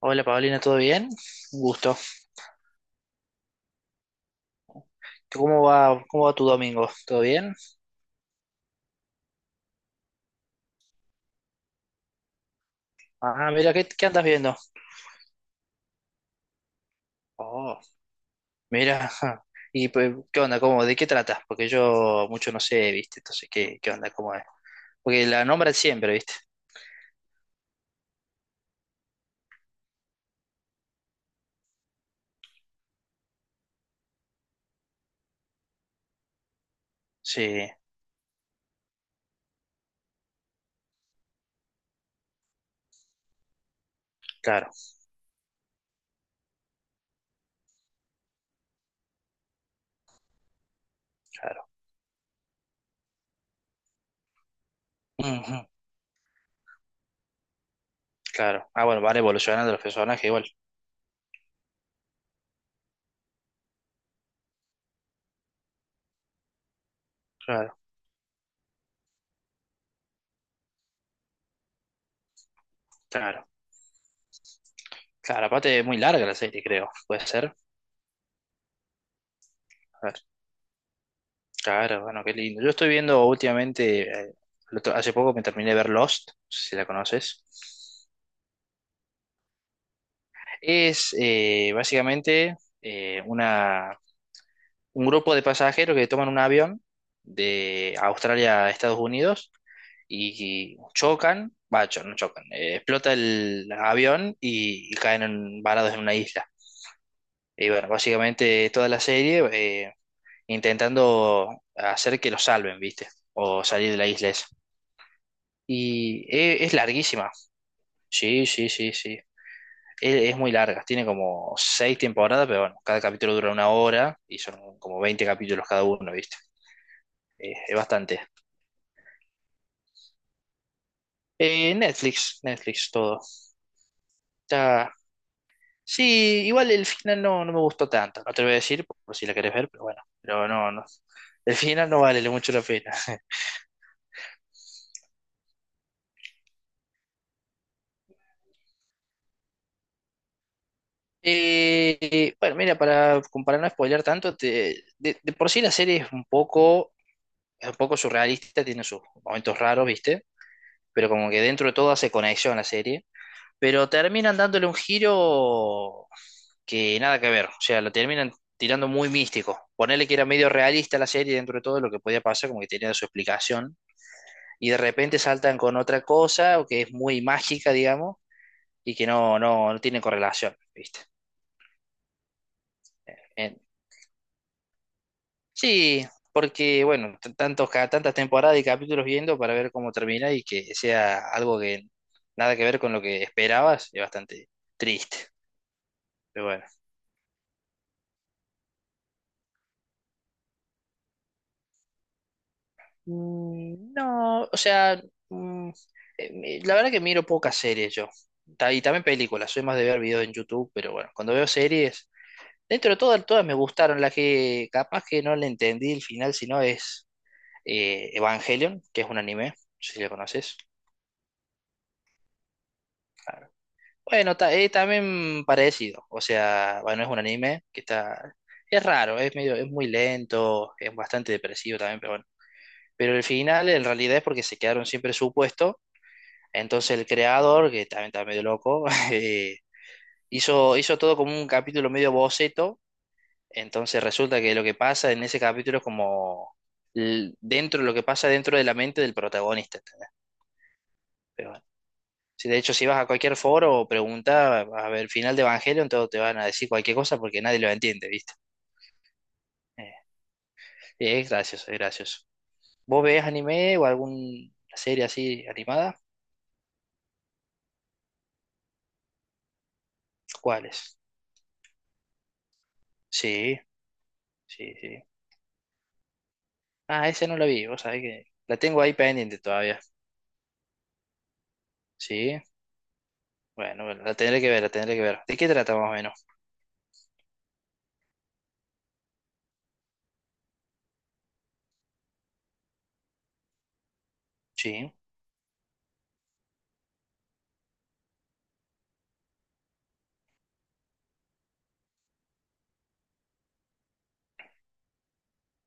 Hola Paulina, ¿todo bien? Un gusto. ¿Cómo va tu domingo? ¿Todo bien? Ah, mira, ¿qué andas viendo? Oh, mira. ¿Y pues, qué onda? ¿Cómo? ¿De qué tratas? Porque yo mucho no sé, ¿viste? Entonces, ¿qué onda? ¿Cómo es? Porque la nombran siempre, ¿viste? Sí, claro, claro. Ujú, claro. Ah, bueno, van evolucionando los personajes igual. Claro, claro. Claro, aparte es muy larga la serie, creo. ¿Puede ser? A ver. Claro, bueno, qué lindo. Yo estoy viendo últimamente, hace poco me terminé de ver Lost, no sé si la conoces. Es básicamente eh, una, un grupo de pasajeros que toman un avión de Australia a Estados Unidos y chocan, va, no chocan, explota el avión y caen varados en una isla. Y bueno, básicamente toda la serie intentando hacer que los salven, ¿viste? O salir de la isla esa. Y es, larguísima. Sí, sí, sí, sí. Es muy larga, tiene como seis temporadas, pero bueno, cada capítulo dura una hora y son como 20 capítulos cada uno, ¿viste? Es bastante. Netflix, Netflix, todo. Está. Sí, igual el final no, no me gustó tanto, no te lo voy a decir por si la querés ver, pero bueno, pero no, no. El final no vale mucho la pena. Bueno, mira, como para no spoilear tanto, de por sí la serie es un poco surrealista, tiene sus momentos raros, ¿viste? Pero como que dentro de todo hace conexión la serie, pero terminan dándole un giro que nada que ver, o sea, lo terminan tirando muy místico. Ponerle que era medio realista la serie dentro de todo lo que podía pasar, como que tenía su explicación, y de repente saltan con otra cosa o que es muy mágica, digamos, y que no, no, no tiene correlación, ¿viste? Eh, sí, porque, bueno, tantas temporadas y capítulos viendo para ver cómo termina y que sea algo que nada que ver con lo que esperabas, es bastante triste, pero bueno. Mm, no, o sea, mm, la verdad que miro pocas series yo. Y también películas, soy más de ver videos en YouTube, pero bueno, cuando veo series, dentro de todas, todas me gustaron. La que capaz que no le entendí el final, sino es Evangelion, que es un anime, no sé si lo conoces. Bueno, también parecido, o sea, bueno, es un anime es raro, es muy lento, es bastante depresivo también, pero bueno. Pero el final en realidad es porque se quedaron siempre en su puesto. Entonces el creador, que también está medio loco, eh, hizo todo como un capítulo medio boceto. Entonces resulta que lo que pasa en ese capítulo es como dentro, lo que pasa dentro de la mente del protagonista. ¿Entendés? Pero bueno, si de hecho si vas a cualquier foro o pregunta a ver final de Evangelion, todos te van a decir cualquier cosa porque nadie lo entiende, ¿viste? Eh, es gracioso, es gracioso. ¿Vos ves anime o alguna serie así animada? ¿Cuáles? Sí, sí, sí. Ah, ese no lo vi, vos sabés que la tengo ahí pendiente todavía. Sí, bueno, bueno, la tendré que ver, la tendré que ver. ¿De qué trata más o menos? Sí,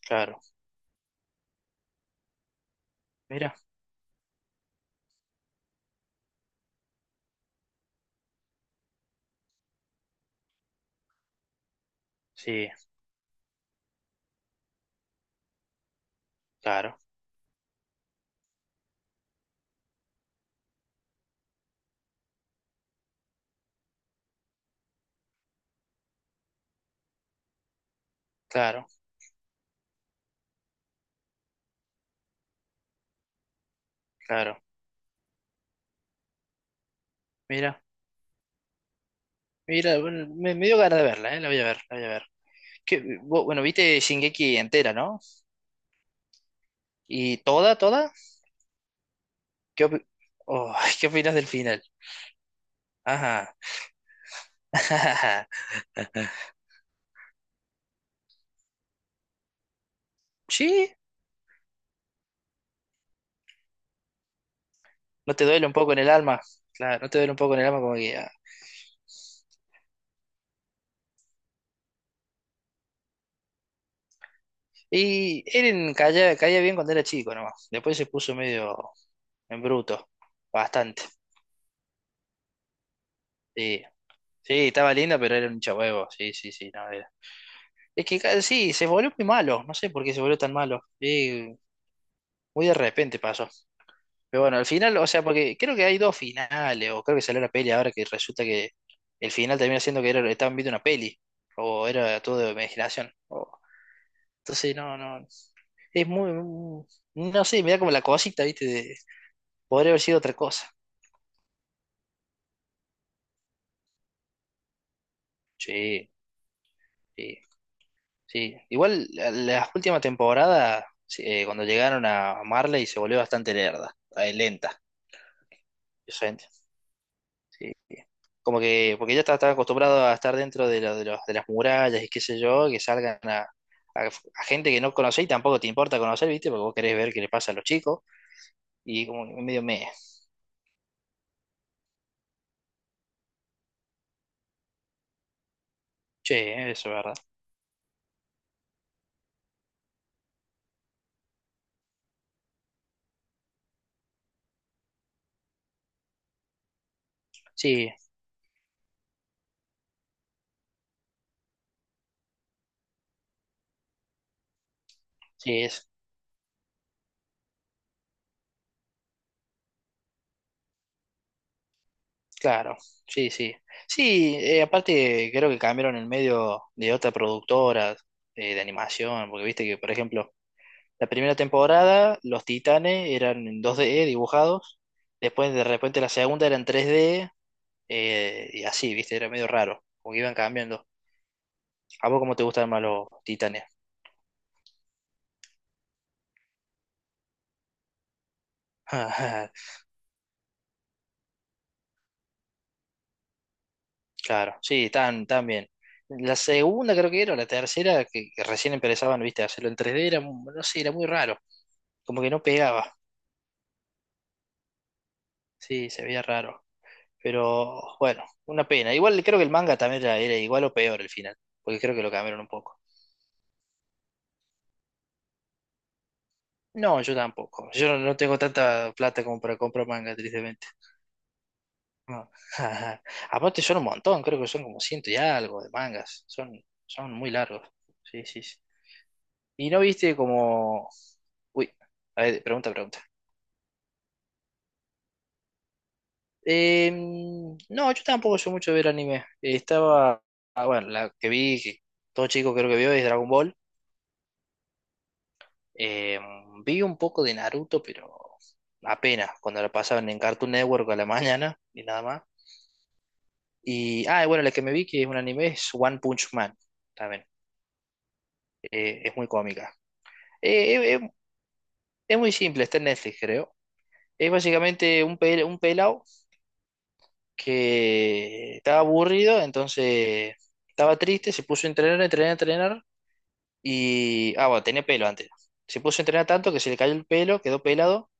claro. Mira, sí, claro, claro, claro. Mira, mira, bueno, me dio ganas de verla, la voy a ver, la voy a ver. Bueno, viste Shingeki entera, ¿no? ¿Y toda, toda? ¿Qué, opi- oh, ¿qué opinas del final? Ajá. Sí, ¿no te duele un poco en el alma? Claro, ¿no te duele un poco en el alma como que? Ah, y Eren caía bien cuando era chico nomás. Después se puso medio en bruto. Bastante. Sí, sí, estaba linda, pero era un chabuevo. Sí, sí, sí, no era. Es que sí, se volvió muy malo. No sé por qué se volvió tan malo. Sí, muy de repente pasó. Pero bueno, al final, o sea, porque creo que hay dos finales, o creo que salió la peli ahora que resulta que el final termina siendo que era, estaban viendo una peli. O era todo de imaginación. Entonces, no, no. Es muy. No sé, me da como la cosita, ¿viste? De, podría haber sido otra cosa. Sí, sí, sí. Igual las últimas temporadas, sí, cuando llegaron a Marley, se volvió bastante lerda, lenta, gente. Sí, sí. Como que, porque ya estaba acostumbrado a estar dentro de, lo- de, los- de las murallas y qué sé yo, que salgan a- a gente que no conocés y tampoco te importa conocer, ¿viste? Porque vos querés ver qué le pasa a los chicos. Y como que medio me. Che, eso es verdad. Sí, sí, es claro, sí, sí. Sí, aparte creo que cambiaron el medio de otra productora, de animación, porque viste que, por ejemplo, la primera temporada los Titanes eran en 2D dibujados, después de repente la segunda era en 3D, y así, viste, era medio raro, como que iban cambiando. ¿A vos cómo te gustan más los Titanes? Claro, sí, tan, tan bien. La segunda creo que era, o la tercera, que recién empezaban, viste, a hacerlo en 3D era, no sé, era muy raro, como que no pegaba. Sí, se veía raro. Pero bueno, una pena. Igual creo que el manga también ya era igual o peor el final, porque creo que lo cambiaron un poco. No, yo tampoco. Yo no, no tengo tanta plata como para comprar manga, tristemente. No. Aparte son un montón, creo que son como ciento y algo de mangas. Son muy largos. Sí, sí, sí. ¿Y no viste como? Uy, a ver, pregunta, pregunta. Eh, no, yo tampoco soy mucho de ver anime. Estaba. Ah, bueno, la que vi, que todo chico creo que vio, es Dragon Ball. Eh, vi un poco de Naruto, pero apenas, cuando la pasaban en Cartoon Network a la mañana y nada más. Y, ah, y bueno, la que me vi que es un anime es One Punch Man, también. Es muy cómica. Eh, eh, eh, es muy simple, está en Netflix, creo. Es básicamente un pelado que estaba aburrido, entonces estaba triste, se puso a entrenar, a entrenar, a entrenar. Y, ah, bueno, tenía pelo antes. Se puso a entrenar tanto que se le cayó el pelo, quedó pelado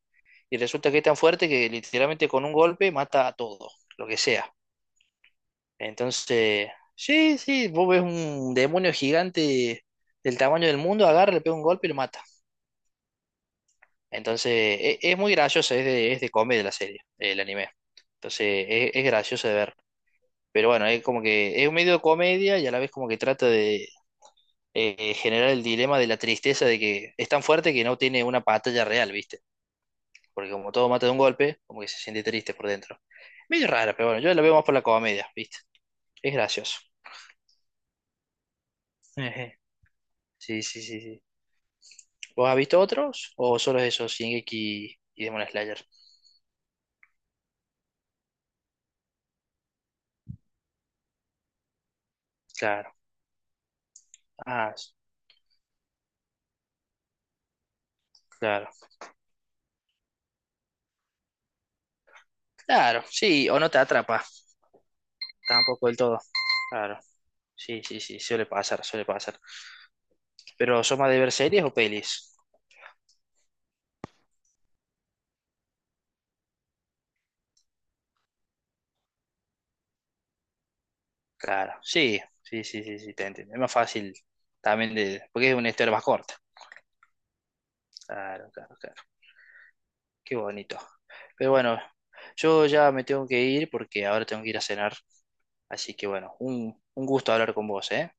y resulta que es tan fuerte que literalmente con un golpe mata a todo, lo que sea. Entonces, sí, sí, vos ves un demonio gigante del tamaño del mundo, agarra, le pega un golpe y lo mata. Entonces, es, muy graciosa, es de comedia la serie, el anime. Entonces, es gracioso de ver. Pero bueno, es como que es un medio de comedia y a la vez como que trata de generar el dilema de la tristeza de que es tan fuerte que no tiene una batalla real, ¿viste? Porque como todo mata de un golpe, como que se siente triste por dentro. Medio rara, pero bueno, yo la veo más por la comedia, ¿viste? Es gracioso. Ejé. Sí, sí, sí, sí. ¿Vos has visto otros o solo esos, Shingeki y Demon Slayer? Claro. Ah, claro. Claro, sí, o no te atrapa, tampoco del todo. Claro. Sí, sí, sí, suele pasar, suele pasar. Pero ¿sos más de ver series o pelis? Claro. Sí, sí, sí, sí, sí, te entiendo. Es más fácil también de, porque es una historia más corta. Claro, claro, claro. Qué bonito. Pero bueno, yo ya me tengo que ir porque ahora tengo que ir a cenar. Así que bueno, un gusto hablar con vos, ¿eh?